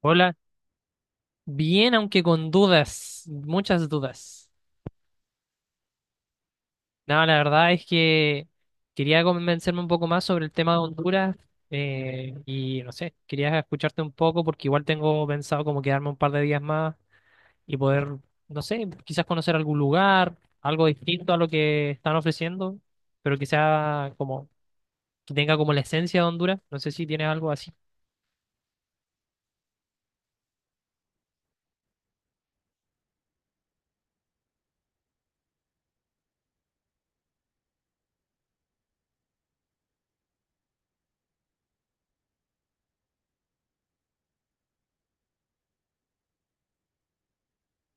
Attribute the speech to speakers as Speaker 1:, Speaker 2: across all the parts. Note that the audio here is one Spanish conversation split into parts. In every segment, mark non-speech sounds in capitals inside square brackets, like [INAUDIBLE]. Speaker 1: Hola, bien, aunque con dudas, muchas dudas. No, la verdad es que quería convencerme un poco más sobre el tema de Honduras y no sé, quería escucharte un poco porque igual tengo pensado como quedarme un par de días más y poder, no sé, quizás conocer algún lugar, algo distinto a lo que están ofreciendo, pero que sea como, que tenga como la esencia de Honduras. ¿No sé si tienes algo así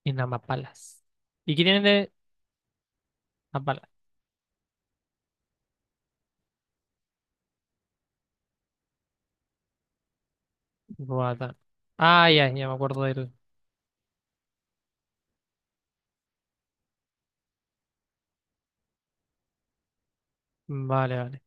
Speaker 1: en Amapalas? ¿Y qué tienen de Amapalas? Roatán. Ah, ya, ya me acuerdo vale, vale.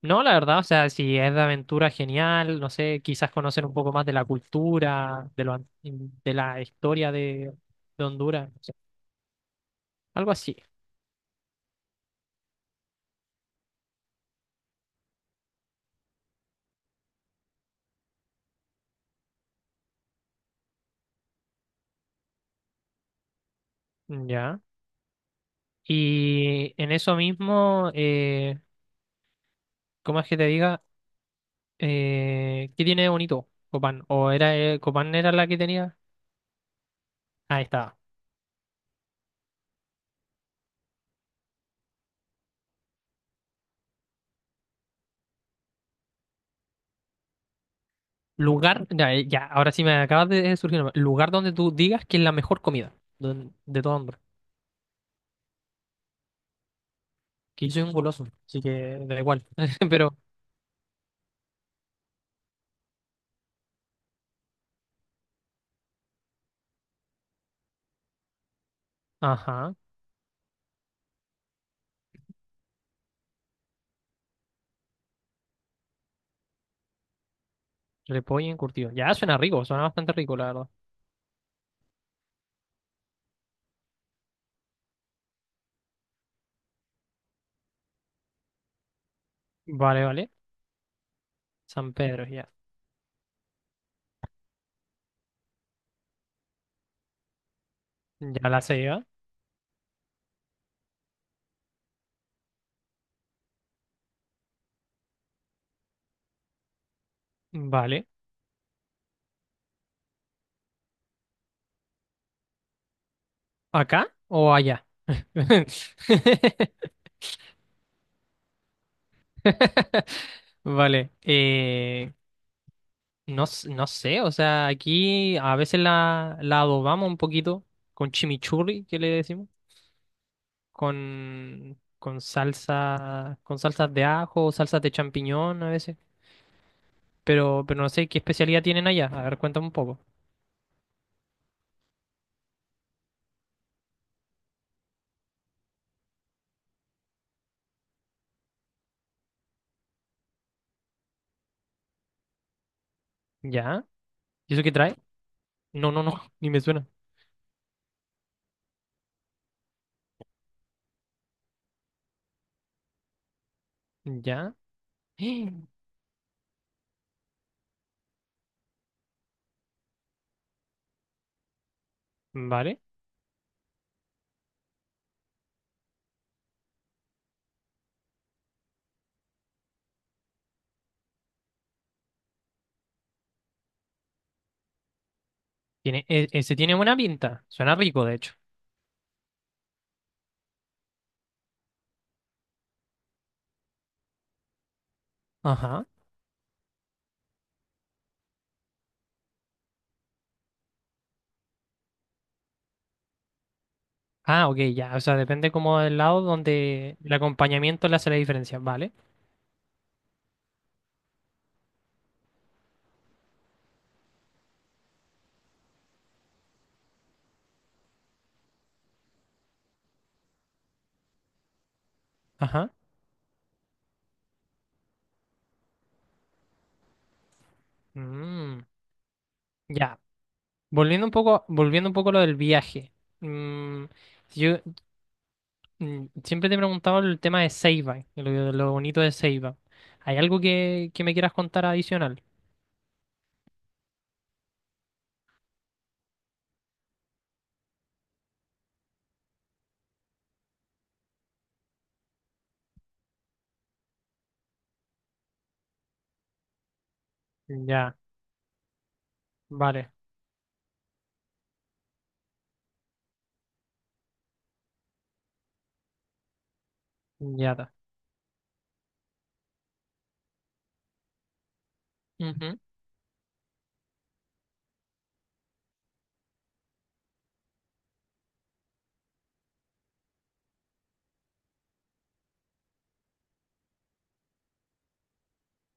Speaker 1: No, la verdad, o sea, si es de aventura, genial, no sé, quizás conocer un poco más de la cultura, de la historia de Honduras, no sé, algo así. Ya. Y en eso mismo, ¿cómo es que te diga? ¿Qué tiene de bonito Copán? ¿O era Copán era la que tenía? Ahí está. Lugar, ya, ya, ahora sí me acabas de surgir. Lugar donde tú digas que es la mejor comida de todo hombre. Que yo soy un goloso, así que da igual. [LAUGHS] Pero ajá, repollo encurtido. Ya suena rico, suena bastante rico, la verdad. Vale, vale. San Pedro, ya. Ya la se lleva. Vale. ¿Acá o allá? [LAUGHS] [LAUGHS] Vale. No, no sé, o sea, aquí a veces la adobamos un poquito con chimichurri, que le decimos, con salsa, con salsas de ajo, salsas de champiñón a veces. Pero no sé qué especialidad tienen allá. A ver, cuéntame un poco. ¿Ya? ¿Y eso qué trae? No, no, no, [LAUGHS] ni me suena. Ya. [GASPS] Vale. Tiene, ese tiene buena pinta. Suena rico, de hecho. Ajá. Ah, ok, ya. O sea, depende como del lado donde el acompañamiento le hace la diferencia. Vale. Ajá. Mm, ya. Volviendo un poco a lo del viaje. Mm, si yo siempre te he preguntado el tema de Seiba, lo bonito de Seiba. ¿Hay algo que me quieras contar adicional? Ya, vale. Ya está.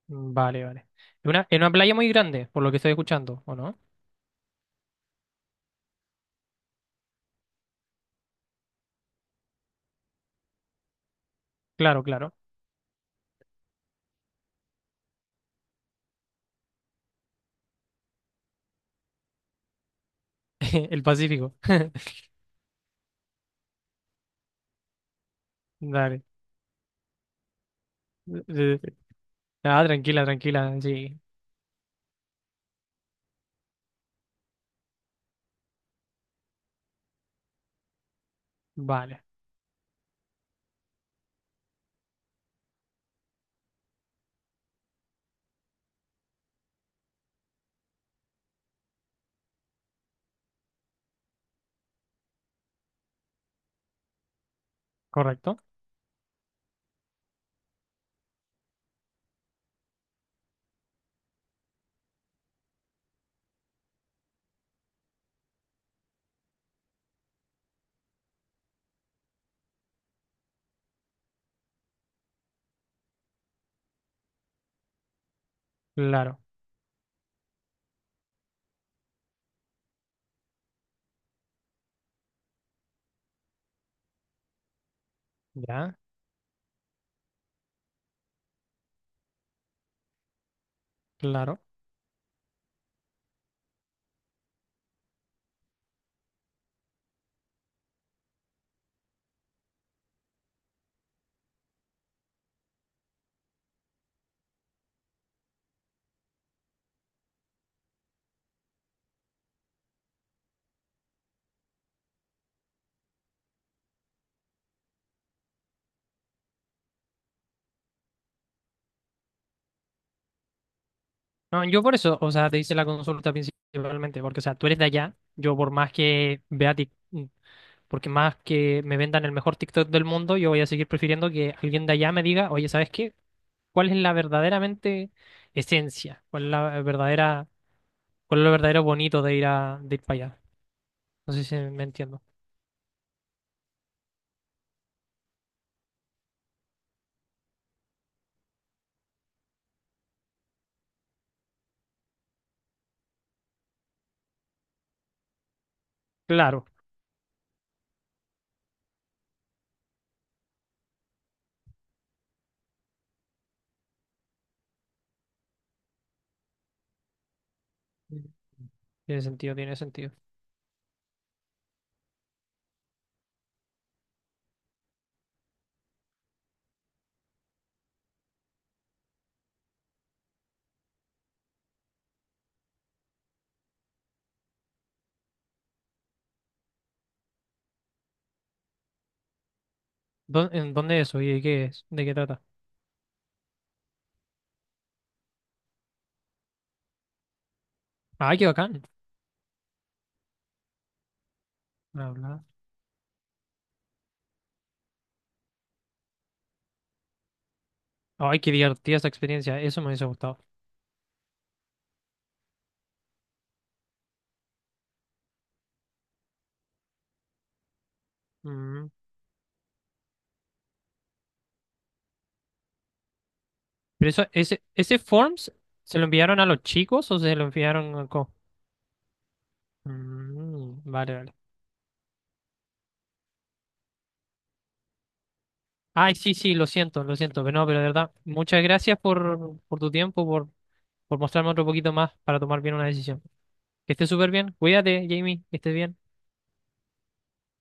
Speaker 1: Vale, vale. En una playa muy grande, por lo que estoy escuchando, ¿o no? Claro, claro. [LAUGHS] El Pacífico. [LAUGHS] Dale. Eh, Ah, tranquila, tranquila. Sí. Vale. Correcto. Claro. Ya. Claro. No, yo por eso, o sea, te hice la consulta principalmente, porque, o sea, tú eres de allá. Yo por más que vea porque más que me vendan el mejor TikTok del mundo, yo voy a seguir prefiriendo que alguien de allá me diga, oye, ¿sabes qué? ¿Cuál es la verdaderamente esencia? ¿Cuál es la verdadera ¿cuál es lo verdadero bonito de ir de ir para allá? No sé si me entiendo. Claro. Tiene sentido, tiene sentido. ¿Dó- ¿en dónde es eso y de qué es? ¿De qué trata? Ay, qué bacán. Bla, ay, qué divertida esa experiencia. Eso me hubiese gustado. Mm. Pero eso, ese forms, ¿se lo enviaron a los chicos o se lo enviaron a co- Mm, vale, vale. Ay, sí, sí, lo siento, lo siento. Pero no, pero de verdad, muchas gracias por tu tiempo, por mostrarme otro poquito más para tomar bien una decisión. Que estés súper bien. Cuídate, Jamie, que estés bien.